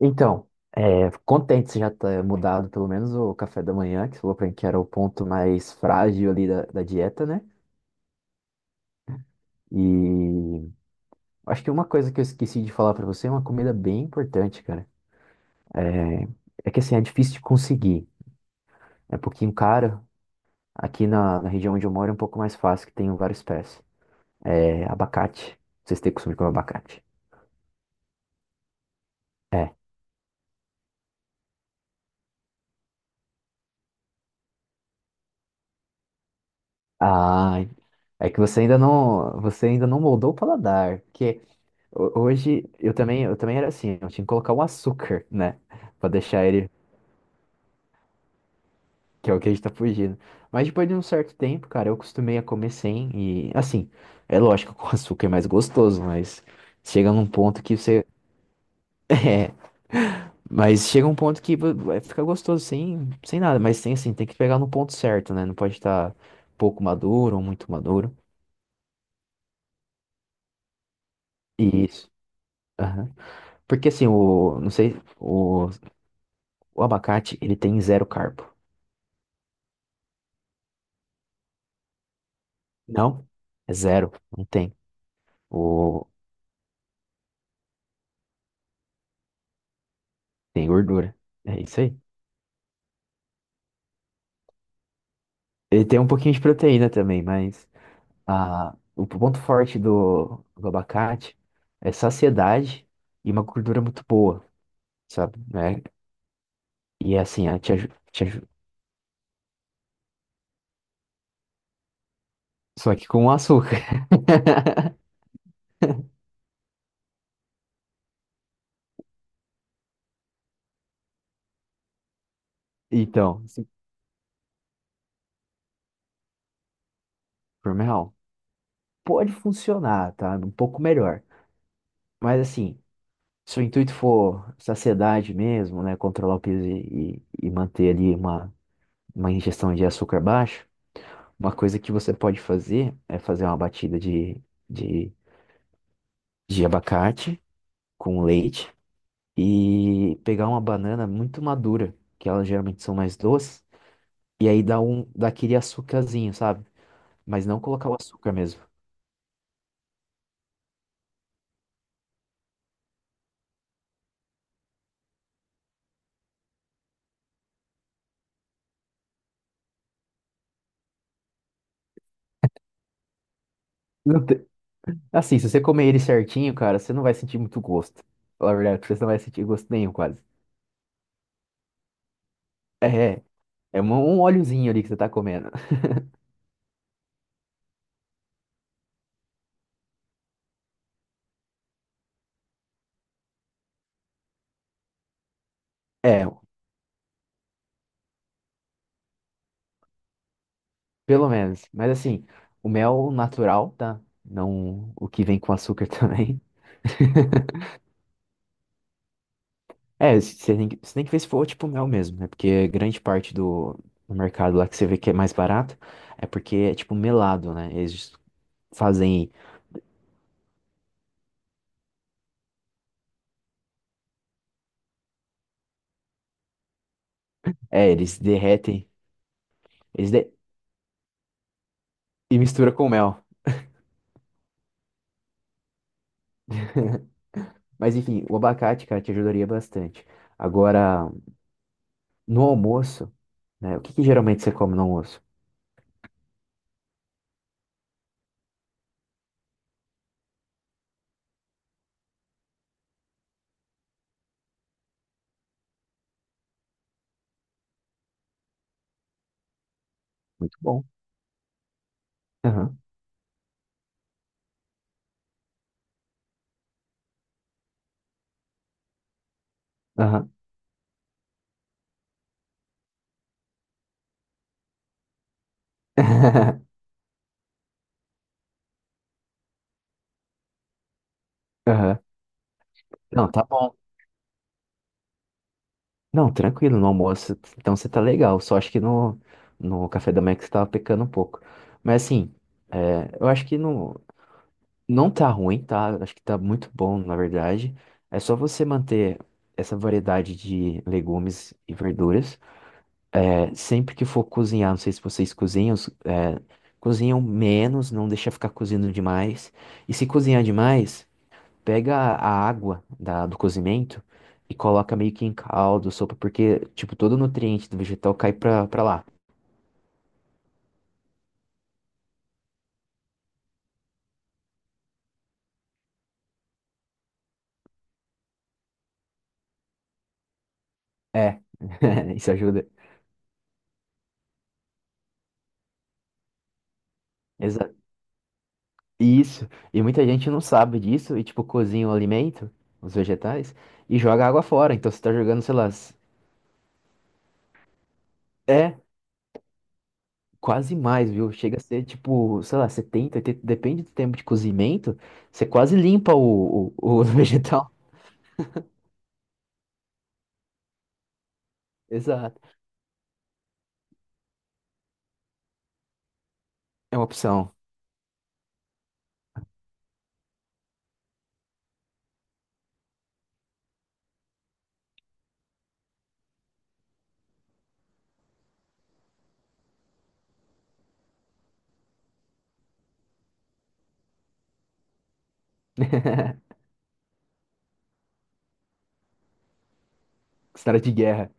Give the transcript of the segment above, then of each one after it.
Então, é, contente você já ter mudado pelo menos o café da manhã, que você falou pra mim que era o ponto mais frágil ali da dieta, né? E acho que uma coisa que eu esqueci de falar pra você é uma comida bem importante, cara. É que assim, é difícil de conseguir. É um pouquinho caro. Aqui na região onde eu moro é um pouco mais fácil, que tem várias espécies. É abacate. Vocês têm costume de comer abacate? É. Ah, é que você ainda não moldou o paladar, porque hoje eu também era assim, eu tinha que colocar um açúcar, né? Pra deixar ele, que é o que a gente tá fugindo. Mas depois de um certo tempo, cara, eu acostumei a comer sem e assim, é lógico que o açúcar é mais gostoso, mas chega num ponto que você… É, mas chega um ponto que vai ficar gostoso sem, sem nada, mas tem assim, tem que pegar no ponto certo, né? Não pode estar pouco maduro ou muito maduro. Isso. Aham. Porque assim, o, não sei, o, o abacate, ele tem zero carbo. Não, é zero, não tem. O… Tem gordura. É isso aí. Ele tem um pouquinho de proteína também, mas a… o ponto forte do… do abacate é saciedade e uma gordura muito boa, sabe? Né? E é assim, é, só que com açúcar. Então, assim, por pode funcionar, tá? Um pouco melhor. Mas assim, se o intuito for saciedade mesmo, né? Controlar o peso e, e manter ali uma ingestão de açúcar baixo, uma coisa que você pode fazer é fazer uma batida de, de abacate com leite e pegar uma banana muito madura, que elas geralmente são mais doces, e aí dá aquele açucarzinho, sabe? Mas não colocar o açúcar mesmo. Não te- Assim, se você comer ele certinho, cara, você não vai sentir muito gosto. Falar a verdade, pra você não vai sentir gosto nenhum, quase. É, é um um óleozinho ali que você tá comendo. É. Pelo menos. Mas assim, o mel natural, tá? Não o que vem com açúcar também. É, você tem que ver se for tipo mel mesmo, né? Porque grande parte do mercado lá que você vê que é mais barato é porque é tipo melado, né? Eles fazem. É, eles derretem. Eles de- e mistura com mel. Mas enfim, o abacate, cara, te ajudaria bastante. Agora, no almoço, né? O que que geralmente você come no almoço? Muito bom. Aham, aham, aham. Não, tá bom. Não, tranquilo, no almoço. Então você tá legal. Só acho que no, no café da manhã que você tava pecando um pouco. Mas assim, é, eu acho que no… Não tá ruim, tá? Acho que tá muito bom, na verdade. É só você manter essa variedade de legumes e verduras. É, sempre que for cozinhar, não sei se vocês cozinham, cozinham menos, não deixa ficar cozindo demais. E se cozinhar demais, pega a água do cozimento e coloca meio que em caldo, sopa, porque, tipo, todo o nutriente do vegetal cai pra lá. É, isso ajuda. Isso. E muita gente não sabe disso e, tipo, cozinha o alimento, os vegetais, e joga a água fora. Então você tá jogando, sei lá, s- é quase mais, viu? Chega a ser, tipo, sei lá, 70 80, depende do tempo de cozimento, você quase limpa o vegetal. Exato. É uma opção. Cenário de guerra.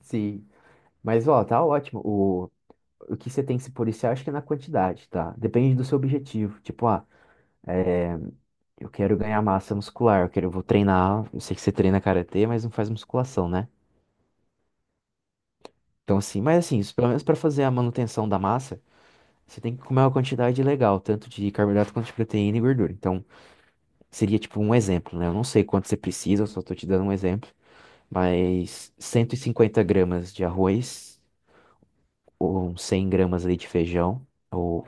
Sim. Mas, ó, tá ótimo. O que você tem que se policiar, acho que é na quantidade, tá? Depende do seu objetivo. Tipo, ah, é, eu quero ganhar massa muscular, eu quero, eu vou treinar, eu sei que você treina karatê, mas não faz musculação, né? Então assim, mas assim, isso, pelo menos para fazer a manutenção da massa, você tem que comer uma quantidade legal, tanto de carboidrato quanto de proteína e gordura. Então, seria tipo um exemplo, né? Eu não sei quanto você precisa, eu só tô te dando um exemplo, mas 150 gramas de arroz ou 100 gramas ali de feijão, ou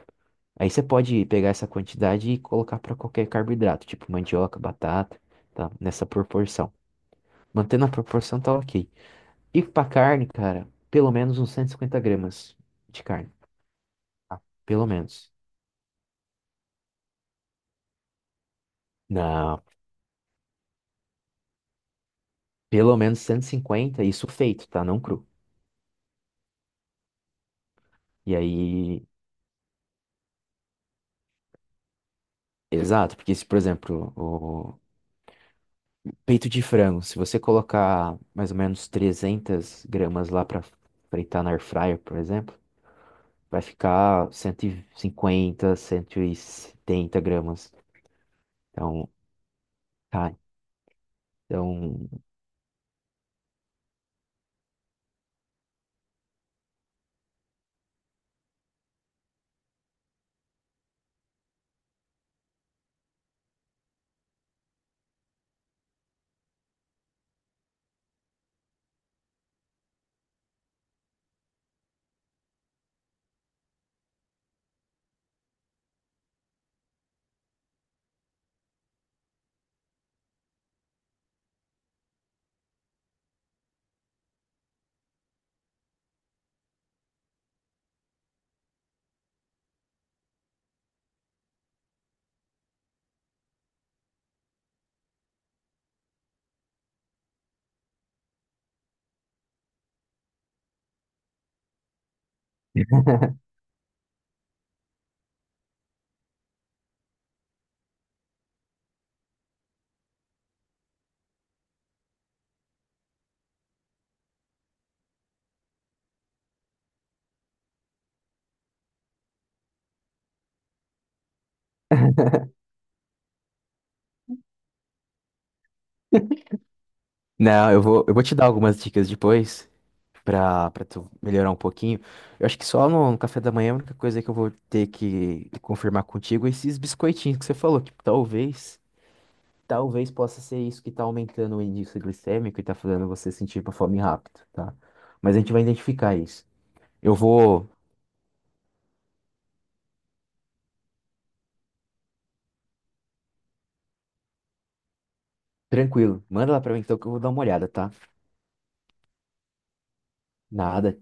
aí você pode pegar essa quantidade e colocar para qualquer carboidrato, tipo mandioca, batata, tá? Nessa proporção. Mantendo a proporção, tá ok. E pra carne, cara, pelo menos uns 150 gramas de carne. Tá? Pelo menos. Não, pelo menos 150, isso feito, tá? Não cru. E aí, exato, porque se, por exemplo, o peito de frango, se você colocar mais ou menos 300 gramas lá pra fritar na air fryer, por exemplo, vai ficar 150, 170 gramas. Então, tá. Então, não, eu vou te dar algumas dicas depois pra tu melhorar um pouquinho. Eu acho que só no café da manhã é a única coisa que eu vou ter que confirmar contigo é esses biscoitinhos que você falou, talvez possa ser isso que tá aumentando o índice glicêmico e tá fazendo você sentir uma fome rápido, tá? Mas a gente vai identificar isso. Eu vou, tranquilo, manda lá pra mim então que eu vou dar uma olhada, tá? Nada.